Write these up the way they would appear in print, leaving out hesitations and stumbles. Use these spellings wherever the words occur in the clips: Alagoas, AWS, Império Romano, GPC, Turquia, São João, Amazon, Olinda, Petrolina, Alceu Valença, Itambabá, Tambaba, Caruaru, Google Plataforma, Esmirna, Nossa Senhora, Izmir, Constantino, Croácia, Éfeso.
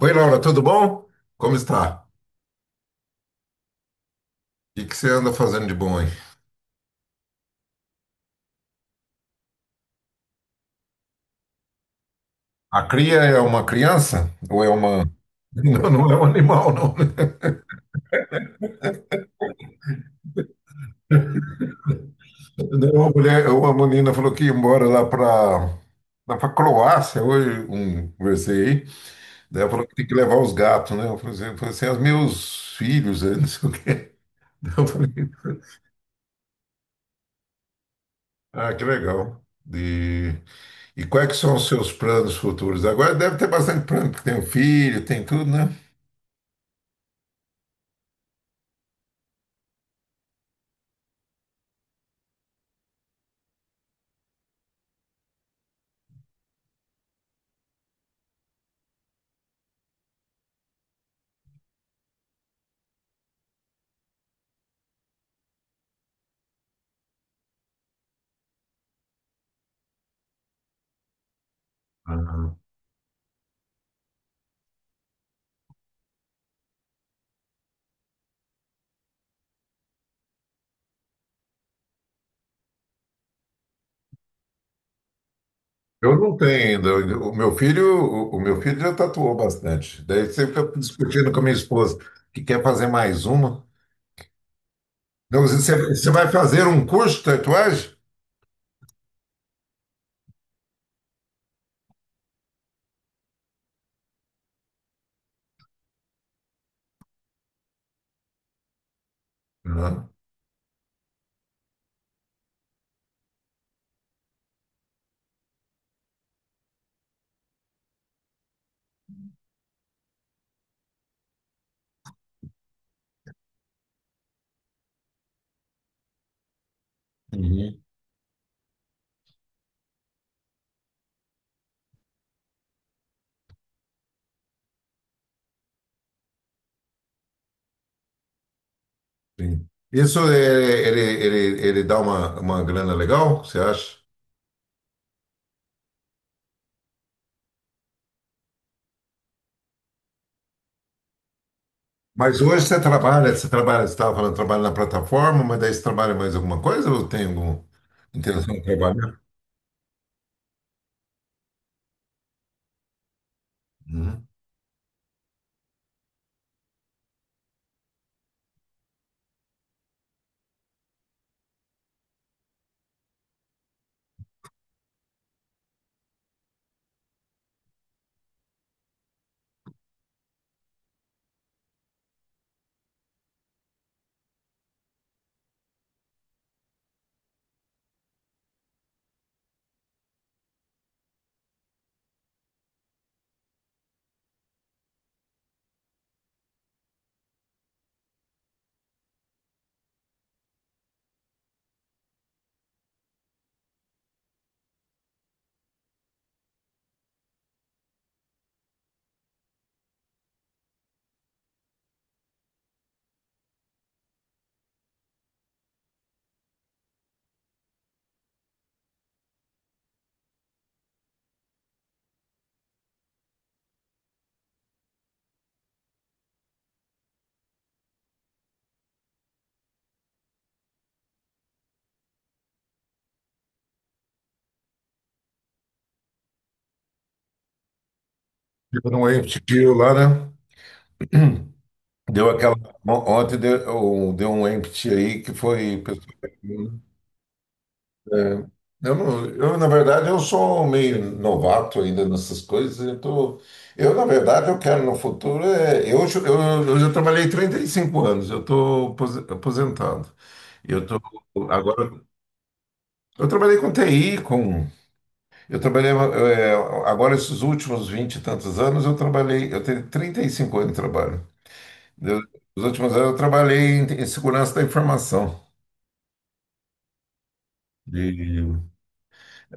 Oi, Laura, tudo bom? Como está? O que que você anda fazendo de bom aí? A cria é uma criança? Ou é uma... Não, não é um animal, não. Daí uma mulher, é uma menina falou que ia embora lá para lá para Croácia, hoje um, conversei aí. Daí ela falou que tem que levar os gatos, né? Eu falei assim, "Ah, os meus filhos, aí, não sei o quê." Daí eu falei, ah, que legal. E, e quais que são os seus planos futuros? Agora deve ter bastante plano, porque tem um filho, tem tudo, né? Eu não tenho ainda. O meu filho, o meu filho já tatuou bastante. Daí você fica discutindo com a minha esposa que quer fazer mais uma. Então, você vai fazer um curso de tatuagem? Não. Uhum. Sim. Ele, ele, ele dá uma grana legal, você acha? Mas hoje você trabalha, você trabalha, você estava falando, trabalha na plataforma, mas daí você trabalha mais alguma coisa ou tem alguma intenção de trabalhar? Uhum. Tipo, não é lá, né? Deu aquela... Ontem deu, deu um empty aí que foi. É, eu, não- eu, na verdade, eu sou meio novato ainda nessas coisas. Na verdade, eu quero no futuro. É, eu já trabalhei 35 anos, eu estou aposentado. Eu tô, agora, eu trabalhei com TI, com, eu trabalhei, é, agora esses últimos 20 e tantos anos, eu trabalhei, eu tenho 35 anos de trabalho. Eu- Nos últimos anos eu trabalhei em, em segurança da informação. E-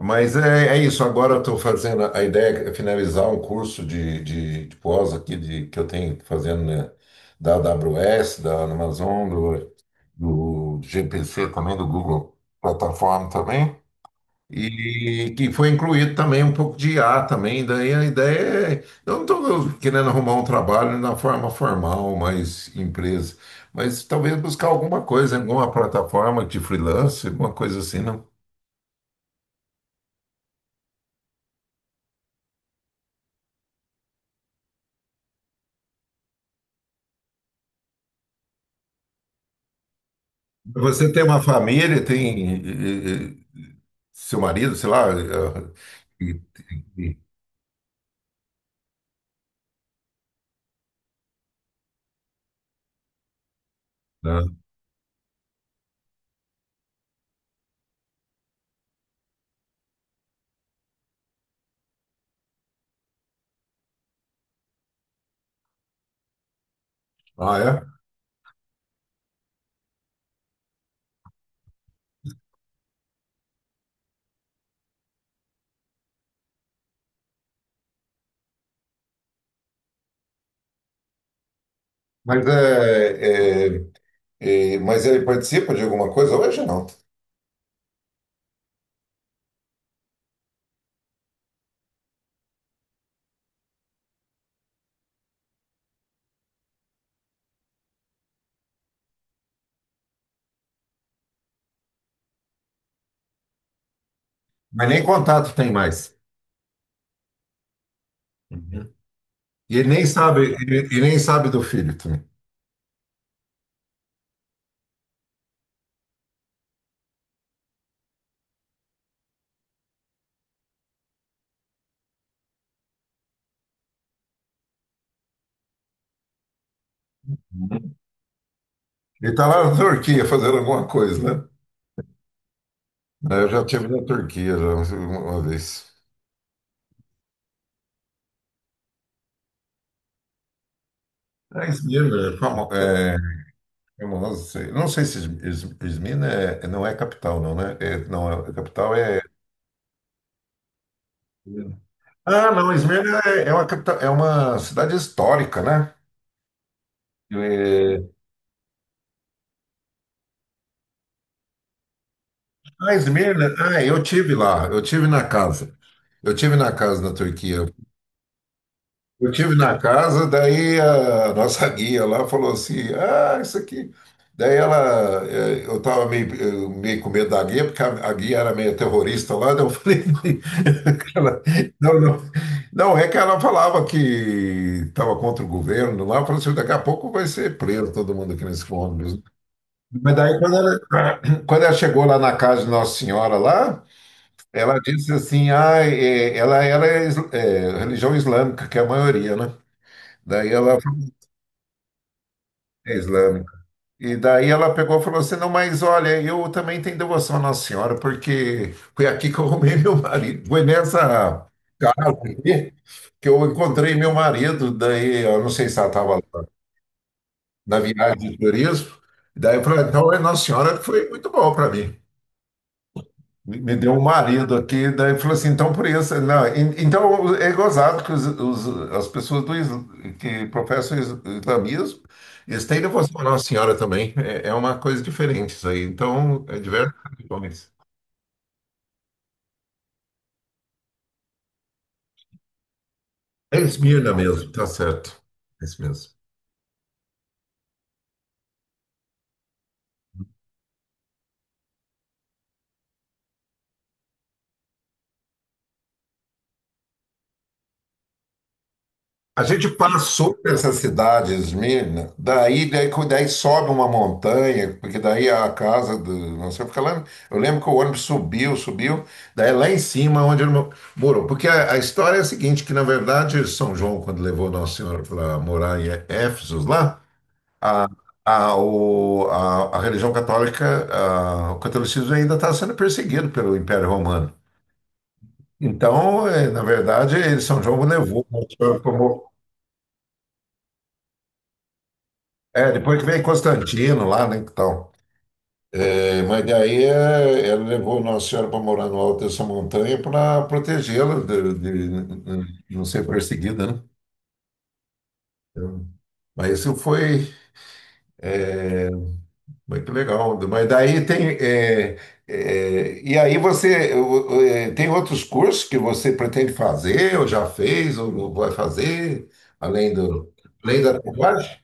mas é, é isso. Agora eu estou fazendo. A ideia é finalizar um curso de pós aqui de, que eu tenho fazendo, né, da AWS, da Amazon, do, do GPC também, do Google Plataforma também. E que foi incluído também um pouco de I a também. Daí a ideia é, eu não estou querendo arrumar um trabalho na forma formal, mais empresa, mas talvez buscar alguma coisa, alguma plataforma de freelance, alguma coisa assim, não. Você tem uma família, tem eh, seu marido, sei lá, e- e- né? Ah, é? Mas mas ele participa de alguma coisa hoje? Não. Mas nem contato tem mais. E ele nem sabe, ele nem sabe do filho também. Ele está lá na Turquia fazendo alguma coisa, né? É, eu já tive na Turquia já uma vez. Izmir, é, famo- é, famoso, sei. Não sei se Izmir não é capital, não, né? É, não, a capital é... Ah, não, Izmir é, é uma capital, é uma cidade histórica, né? É, ah, Izmir, ah, eu tive lá, eu tive na casa. Eu tive na casa na Turquia. Eu tive na casa, daí a nossa guia lá falou assim, ah, isso aqui. Daí ela, eu estava meio, eu meio com medo da guia, porque a guia era meio terrorista lá, daí eu falei, ela, não, não. Não, é que ela falava que estava contra o governo lá, falou assim, daqui a pouco vai ser preso todo mundo aqui nesse ônibus. Mas daí quando ela, quando ela chegou lá na casa de Nossa Senhora lá, ela disse assim, ah, eh, ela era is- eh, religião islâmica, que é a maioria, né? Daí ela falou é islâmica. E daí ela pegou e falou assim: "Não, mas olha, eu também tenho devoção à Nossa Senhora, porque foi aqui que eu arrumei meu marido. Foi nessa casa aqui que eu encontrei meu marido." Daí eu não sei se ela estava lá na viagem de turismo. Daí eu falei: "Então, é, Nossa Senhora foi muito bom para mim. Me me deu um marido aqui", daí falou assim, "então por isso". Não, então é gozado que as pessoas do, que professam islamismo, eles têm devoção à Nossa Senhora também, é, é uma coisa diferente isso aí, então é diversas religiões. É Esmirna mesmo, tá certo, é isso mesmo. A gente passou por essa cidade, Esmirna, daí sobe uma montanha, porque daí a casa do... Não sei, fica lá. Eu lembro que o ônibus subiu, subiu, daí lá em cima onde ele morou. Porque a história é a seguinte: que na verdade, São João, quando levou Nossa Senhora para morar em Éfeso, lá, a, a religião católica, o catolicismo ainda está sendo perseguido pelo Império Romano. Então, na verdade, São João levou... É, depois que veio Constantino lá, né, então... É, mas daí é, ela levou Nossa Senhora para morar no alto dessa montanha para protegê-la de não ser perseguida, né? Então, mas isso foi é, muito legal. Mas daí tem e aí você tem outros cursos que você pretende fazer ou já fez ou vai fazer além do além da tatuagem?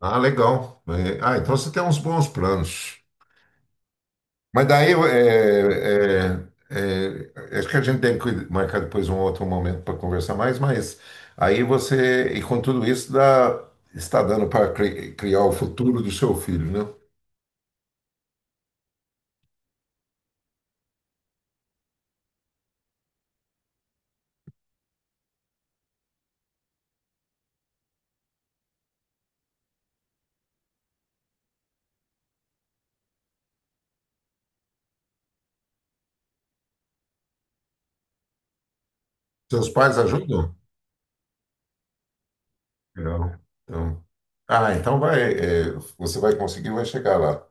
Ah, legal. É, ah, então você tem uns bons planos. Mas daí acho que a gente tem que marcar depois um outro momento para conversar mais, mas aí você, e com tudo isso, dá, está dando para criar o futuro do seu filho, né? Seus pais ajudam? Legal. Então, ah, então vai, é, você vai conseguir, vai chegar lá.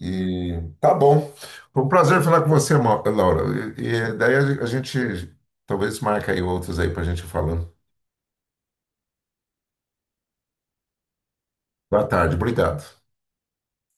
E tá bom. Foi um prazer falar com você, Laura. E, e daí a gente talvez marque aí outros aí para a gente ir falando. Boa tarde, obrigado.